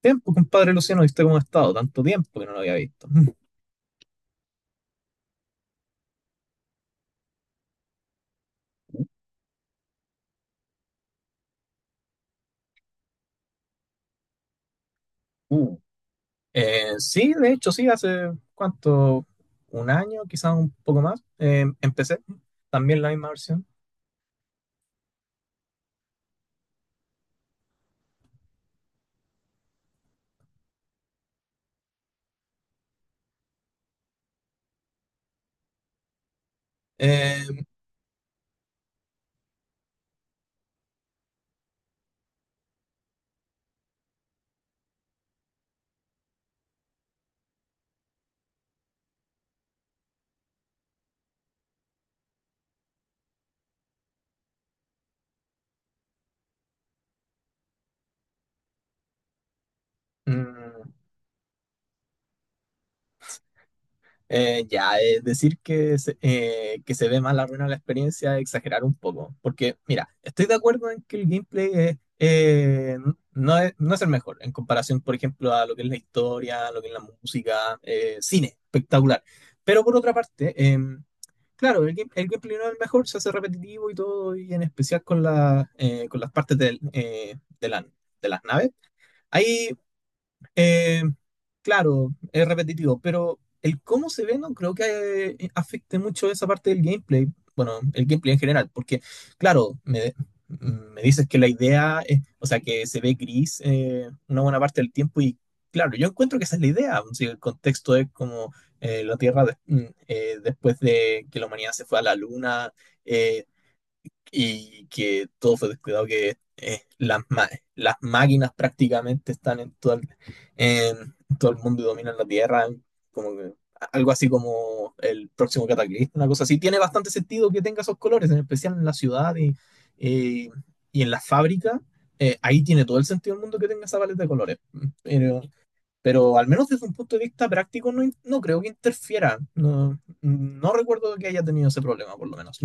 Tiempo, compadre Luciano, ¿viste cómo ha estado? Tanto tiempo que no lo había visto. Uh, sí, de hecho, sí, hace cuánto, un año, quizás un poco más, empecé también la misma versión. Eh, mm, ya, decir que se ve más la ruina de la experiencia es exagerar un poco, porque mira, estoy de acuerdo en que el gameplay es, no es el mejor en comparación, por ejemplo, a lo que es la historia, a lo que es la música, cine, espectacular. Pero por otra parte, claro, el gameplay no es el mejor, se hace repetitivo y todo, y en especial con, con las partes de las naves. Hay eh, claro, es repetitivo, pero el cómo se ve no creo que afecte mucho esa parte del gameplay. Bueno, el gameplay en general, porque, claro, me, me dices que la idea es, o sea, que se ve gris una buena parte del tiempo y, claro, yo encuentro que esa es la idea. Si el contexto es como la Tierra de- mm, después de que la humanidad se fue a la Luna, eh, y que todo fue descuidado, que las máquinas prácticamente están en todo, en todo el mundo y dominan la Tierra, como que algo así como el próximo cataclismo, una cosa así. Tiene bastante sentido que tenga esos colores, en especial en la ciudad eh, y en la fábrica. Ahí tiene todo el sentido del mundo que tenga esa paleta de colores. Pero, pero al menos desde un punto de vista práctico no, no creo que interfiera. No, no recuerdo que haya tenido ese problema, por lo menos.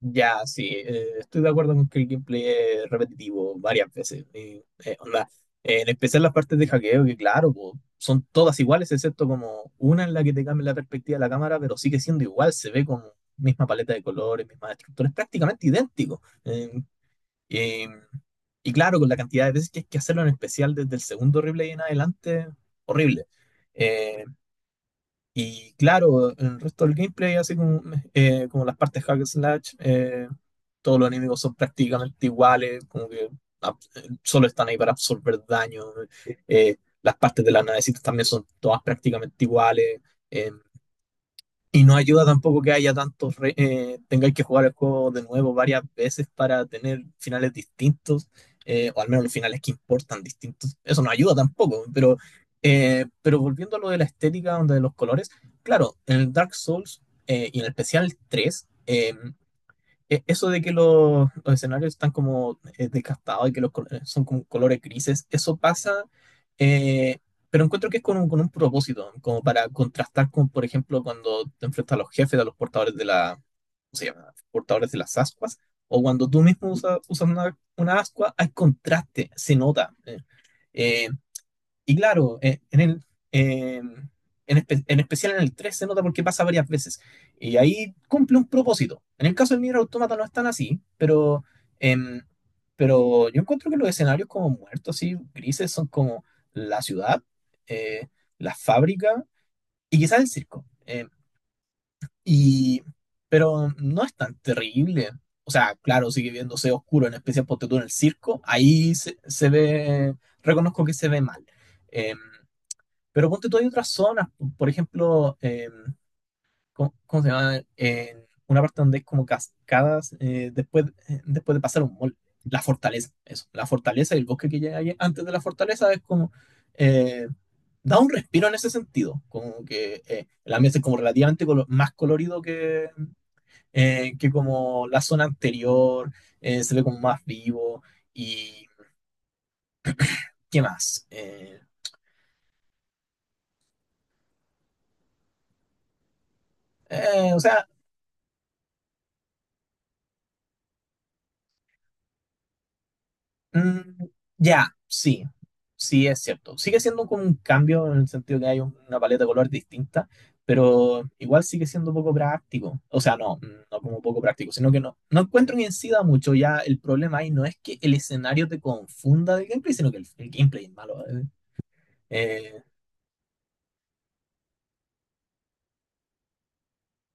Ya, sí, estoy de acuerdo con que el gameplay es repetitivo varias veces, y, onda, en especial las partes de hackeo, que claro, po, son todas iguales, excepto como una en la que te cambia la perspectiva de la cámara, pero sigue siendo igual, se ve con misma paleta de colores, misma estructura, es prácticamente idéntico. Eh, y claro, con la cantidad de veces que hay que hacerlo en especial desde el segundo replay en adelante, horrible. Eh, y claro, el resto del gameplay, así como, como las partes hack and slash, todos los enemigos son prácticamente iguales, como que solo están ahí para absorber daño. eh, las partes de las navecitas también son todas prácticamente iguales. eh, y no ayuda tampoco que haya tantos, tengáis que jugar el juego de nuevo varias veces para tener finales distintos, o al menos los finales que importan distintos. Eso no ayuda tampoco, pero volviendo a lo de la estética, de los colores, claro, en el Dark Souls y en el especial 3 eso de que los escenarios están como desgastados y que los colores son con colores grises, eso pasa, eh, pero encuentro que es con con un propósito, como para contrastar con, por ejemplo, cuando te enfrentas a los jefes, a los portadores de la, ¿cómo se llama? Portadores de las ascuas, o cuando tú mismo usas una ascua, hay contraste, se nota. Eh, y claro, eh, en, en especial en el 3 se nota porque pasa varias veces. Y ahí cumple un propósito. En el caso del Nier Automata no es tan así, em, pero yo encuentro que los escenarios como muertos, así, grises, son como la ciudad, eh, la fábrica y quizás el circo. Y, pero no es tan terrible. O sea, claro, sigue viéndose oscuro, en especial porque tú en el circo, ahí se ve, reconozco que se ve mal. Em, pero ponte tú, hay otras zonas, por ejemplo, cómo se llama? En una parte donde hay como cascadas después de pasar un mall. La fortaleza, eso. La fortaleza y el bosque que llega ahí antes de la fortaleza es como... eh, da un respiro en ese sentido, como que el ambiente es como relativamente más colorido que como la zona anterior, se ve como más vivo y qué más. Eh, o sea, Mm, ya, sí, sí es cierto. Sigue siendo como un cambio en el sentido que hay una paleta de color distinta, pero igual sigue siendo poco práctico. O sea, no, mm, no como poco práctico, sino que no, no encuentro que incida mucho. Ya el problema ahí no es que el escenario te confunda del gameplay, sino que el gameplay es malo. Eh,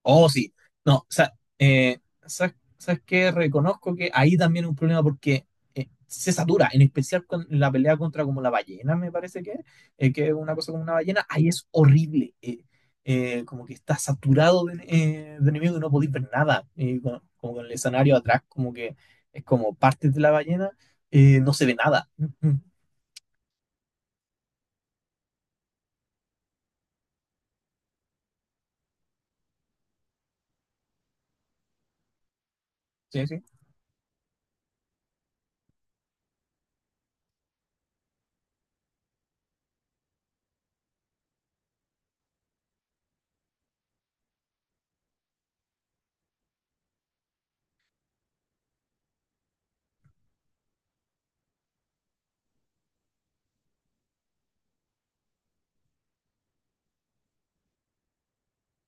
Oh, sí. No, o sea, eh, sabes qué? Reconozco que ahí también es un problema porque se satura, en especial con la pelea contra como la ballena, me parece que es una cosa como una ballena, ahí es horrible. Como que está saturado de enemigos y no podéis ver nada. Y como con el escenario atrás, como que es como parte de la ballena, no se ve nada. Sí, sí.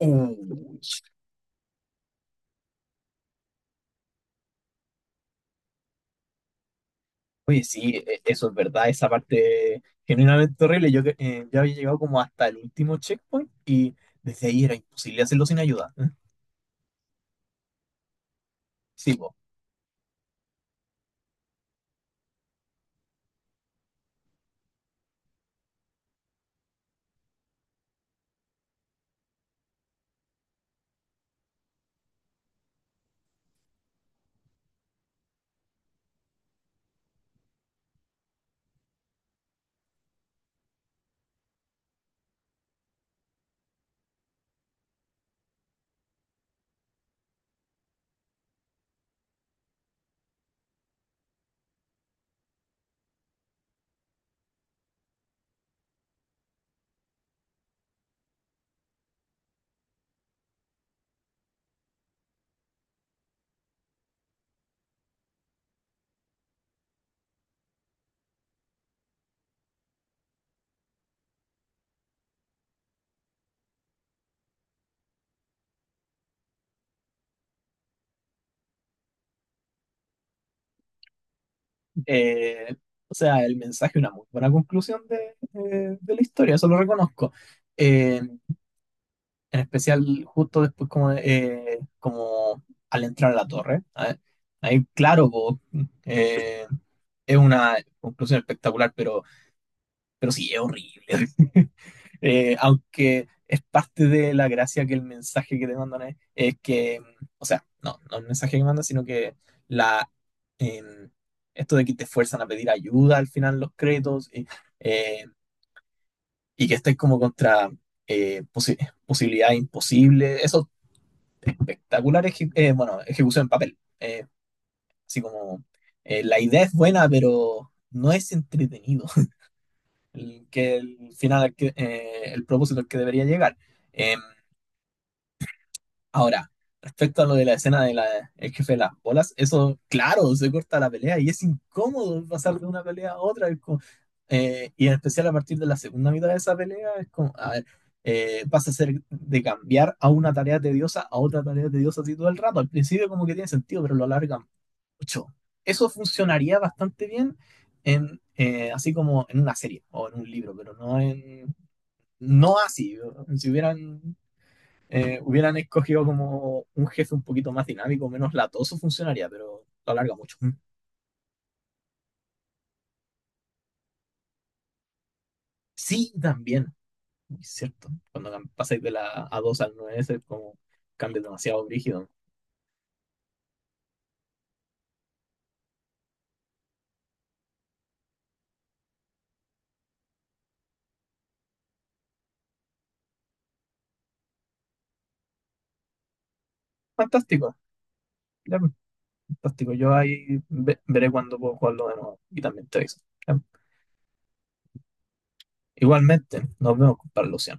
Uh. Oye, sí, eso es verdad, esa parte genuinamente horrible. Yo, yo había llegado como hasta el último checkpoint y desde ahí era imposible hacerlo sin ayuda. ¿Eh? Sí, po. Eh, o sea, el mensaje, una muy buena conclusión de la historia, eso lo reconozco. Eh, en especial justo después como, como al entrar a la torre. ¿Eh? Ahí, claro, po, eh, es una conclusión espectacular, pero sí, es horrible. Aunque es parte de la gracia que el mensaje que te mandan es que, o sea, no, no el mensaje que mandan, sino que la, em, esto de que te fuerzan a pedir ayuda al final los créditos eh, y que estés como contra eh, posi- posibilidad imposible, eso espectacular, bueno, ejecución en papel. Así como la idea es buena, pero no es entretenido. El, que el final, al que, el propósito al que debería llegar. Eh, Ahora, respecto a lo de la escena de la, el jefe de las bolas, eso, claro, se corta la pelea y es incómodo pasar de una pelea a otra. Y en especial a partir de la segunda mitad de esa pelea, es como, a ver, vas a ser de cambiar a una tarea tediosa a otra tarea tediosa así todo el rato. Al principio como que tiene sentido, pero lo alargan mucho. Eso funcionaría bastante bien en, así como en una serie o en un libro, pero no en... No así, si hubieran hubieran escogido como un jefe un poquito más dinámico, menos latoso, funcionaría, pero lo alarga mucho. Mm. Sí, también, es cierto. Cuando pasáis de la A2 al 9 es como cambia demasiado brígido. Fantástico, ya, pues, fantástico. Yo ahí veré cuando puedo jugarlo de nuevo y también te aviso. Ya. Igualmente, nos vemos, compadre Luciano.